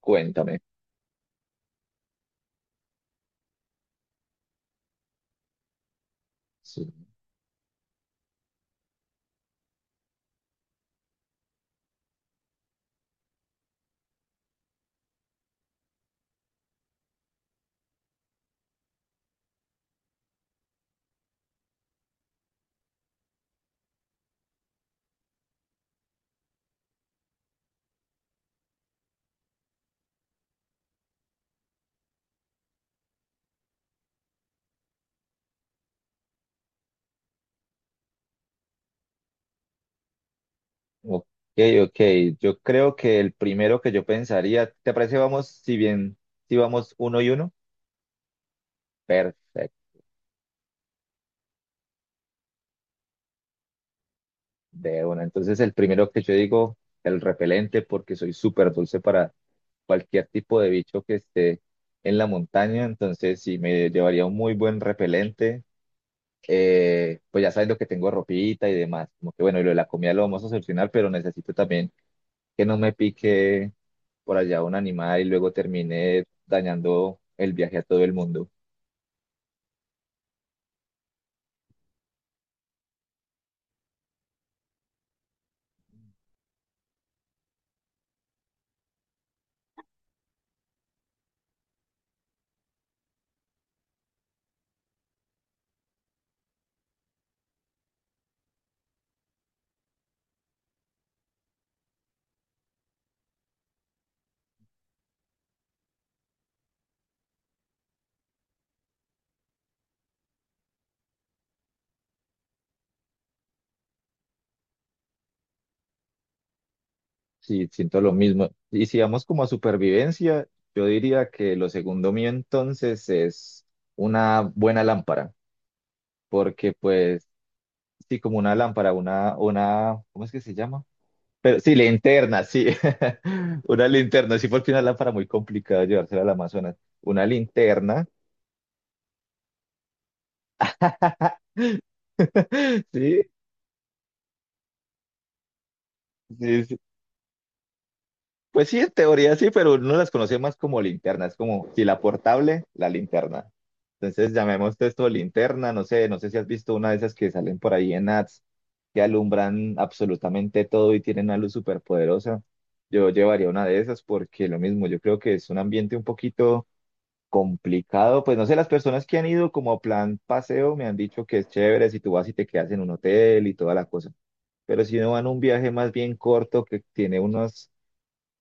Cuéntame. Sí. Ok, ok. Yo creo que el primero que yo pensaría, ¿te parece vamos, si bien, si vamos uno y uno? Perfecto, de una. Entonces el primero que yo digo, el repelente, porque soy súper dulce para cualquier tipo de bicho que esté en la montaña. Entonces sí, me llevaría un muy buen repelente. Pues ya sabiendo que tengo ropita y demás. Como que bueno, y lo de la comida lo vamos a solucionar, pero necesito también que no me pique por allá un animal y luego termine dañando el viaje a todo el mundo. Sí, siento lo mismo. Y si vamos como a supervivencia, yo diría que lo segundo mío entonces es una buena lámpara, porque pues sí, como una lámpara, una, ¿cómo es que se llama? Pero sí, linterna, sí, una linterna, sí, porque una lámpara muy complicada llevársela al Amazonas. Una linterna, sí, sí, sí. Pues sí, en teoría sí, pero uno las conoce más como linterna. Es como, si la portable, la linterna. Entonces llamemos esto linterna. No sé, no sé si has visto una de esas que salen por ahí en ads que alumbran absolutamente todo y tienen una luz súper poderosa. Yo llevaría una de esas porque lo mismo, yo creo que es un ambiente un poquito complicado. Pues no sé, las personas que han ido como a plan paseo me han dicho que es chévere si tú vas y te quedas en un hotel y toda la cosa. Pero si no van a un viaje más bien corto que tiene unos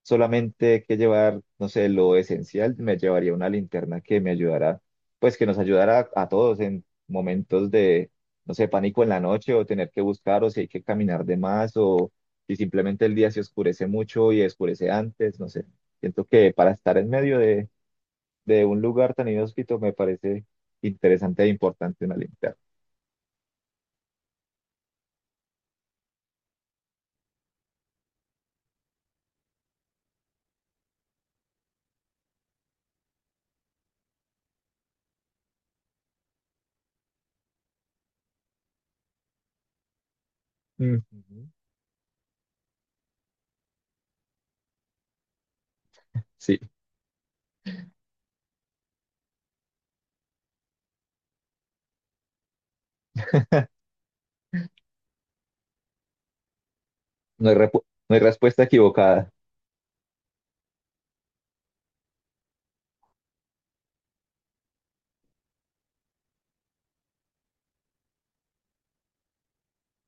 solamente que llevar, no sé, lo esencial, me llevaría una linterna que me ayudara, pues que nos ayudara a, todos en momentos de, no sé, pánico en la noche o tener que buscar o si hay que caminar de más o si simplemente el día se oscurece mucho y oscurece antes, no sé. Siento que para estar en medio de un lugar tan inhóspito me parece interesante e importante una linterna. Ujú. Sí, no hay, repu- no hay respuesta equivocada.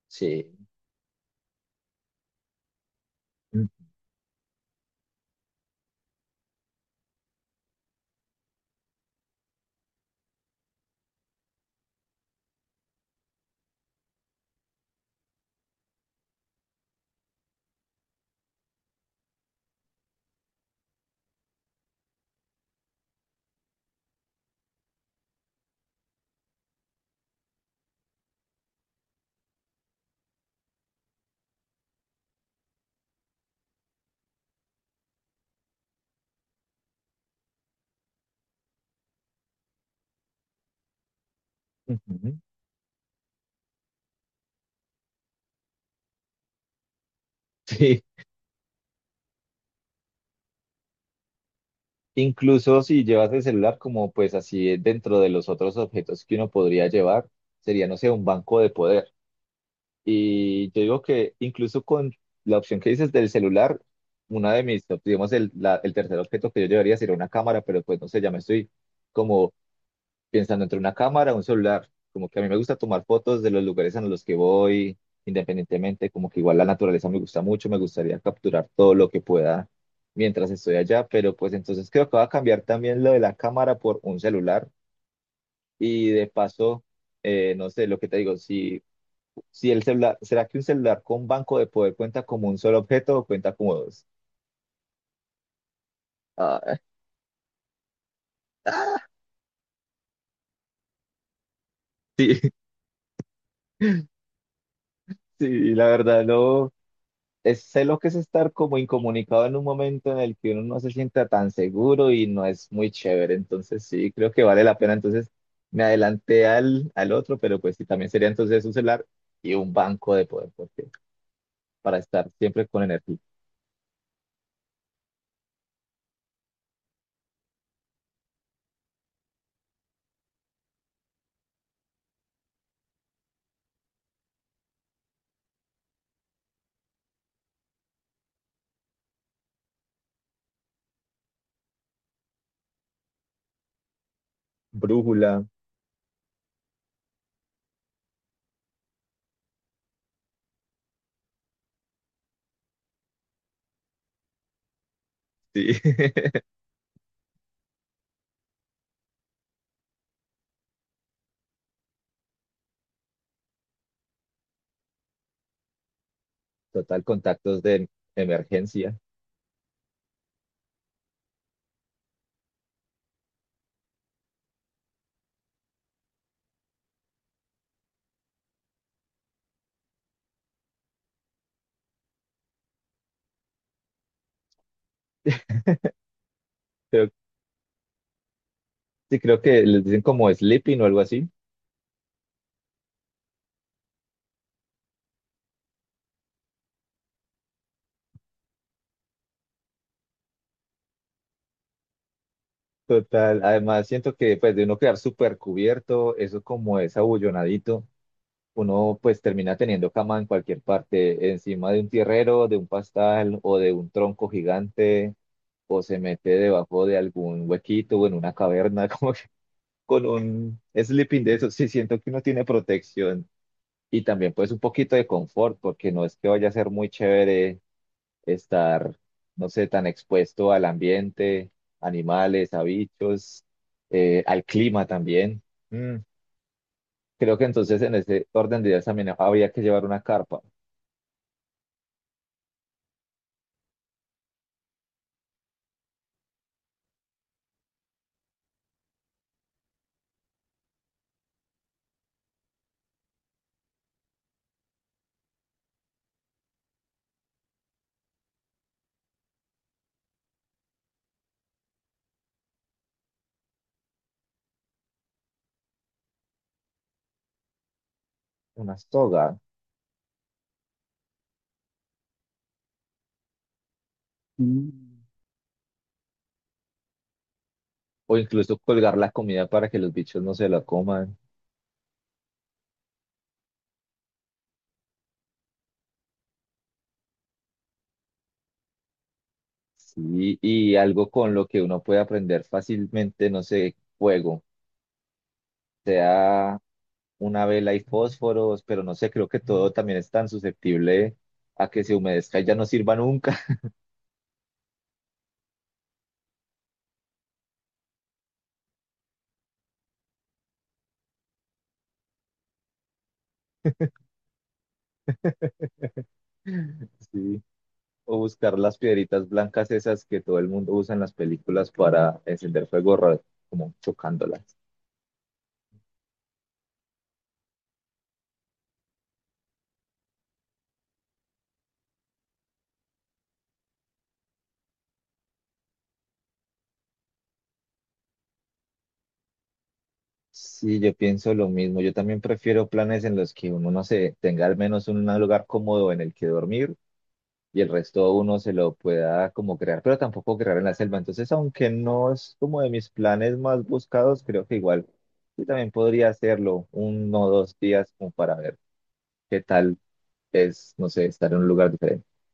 Sí. Mm, ujú. Sí, incluso si llevas el celular como pues así dentro de los otros objetos que uno podría llevar, sería, no sé, un banco de poder. Y yo digo que incluso con la opción que dices del celular, una de mis, digamos, el, la- el tercer objeto que yo llevaría sería una cámara, pero pues no sé, ya me estoy como pensando entre una cámara, un celular. Como que a mí me gusta tomar fotos de los lugares a los que voy, independientemente, como que igual la naturaleza me gusta mucho, me gustaría capturar todo lo que pueda mientras estoy allá, pero pues entonces creo que va a cambiar también lo de la cámara por un celular y de paso, no sé, lo que te digo, si, si el celular, ¿será que un celular con banco de poder cuenta como un solo objeto o cuenta como dos? Ah, sí, sí, la verdad no. Es- sé lo que es estar como incomunicado en un momento en el que uno no se sienta tan seguro y no es muy chévere. Entonces sí, creo que vale la pena. Entonces me adelanté al, al otro, pero pues sí, también sería entonces un celular y un banco de poder, porque para estar siempre con energía. Brújula, sí. Total, contactos de emergencia. Creo- sí, creo que les dicen como sleeping o algo así. Total, además siento que pues de uno quedar súper cubierto, eso como es abullonadito uno pues termina teniendo cama en cualquier parte, encima de un tierrero, de un pastal o de un tronco gigante, o se mete debajo de algún huequito o en una caverna, como que con un sleeping de eso, sí siento que uno tiene protección y también pues un poquito de confort, porque no es que vaya a ser muy chévere estar, no sé, tan expuesto al ambiente, animales, a bichos, al clima también. Mm, creo que entonces en ese orden de ideas también habría que llevar una carpa una soga. Mm. O incluso colgar la comida para que los bichos no se la coman. Sí, y algo con lo que uno puede aprender fácilmente, no sé, fuego. Sea una vela y fósforos, pero no sé, creo que todo también es tan susceptible a que se humedezca y ya no sirva nunca. Sí. O buscar las piedritas blancas esas que todo el mundo usa en las películas para encender fuego, ra- como chocándolas. Sí, yo pienso lo mismo. Yo también prefiero planes en los que uno, no sé, tenga al menos un lugar cómodo en el que dormir y el resto uno se lo pueda como crear, pero tampoco crear en la selva. Entonces, aunque no es como de mis planes más buscados, creo que igual yo también podría hacerlo uno o dos días como para ver qué tal es, no sé, estar en un lugar diferente.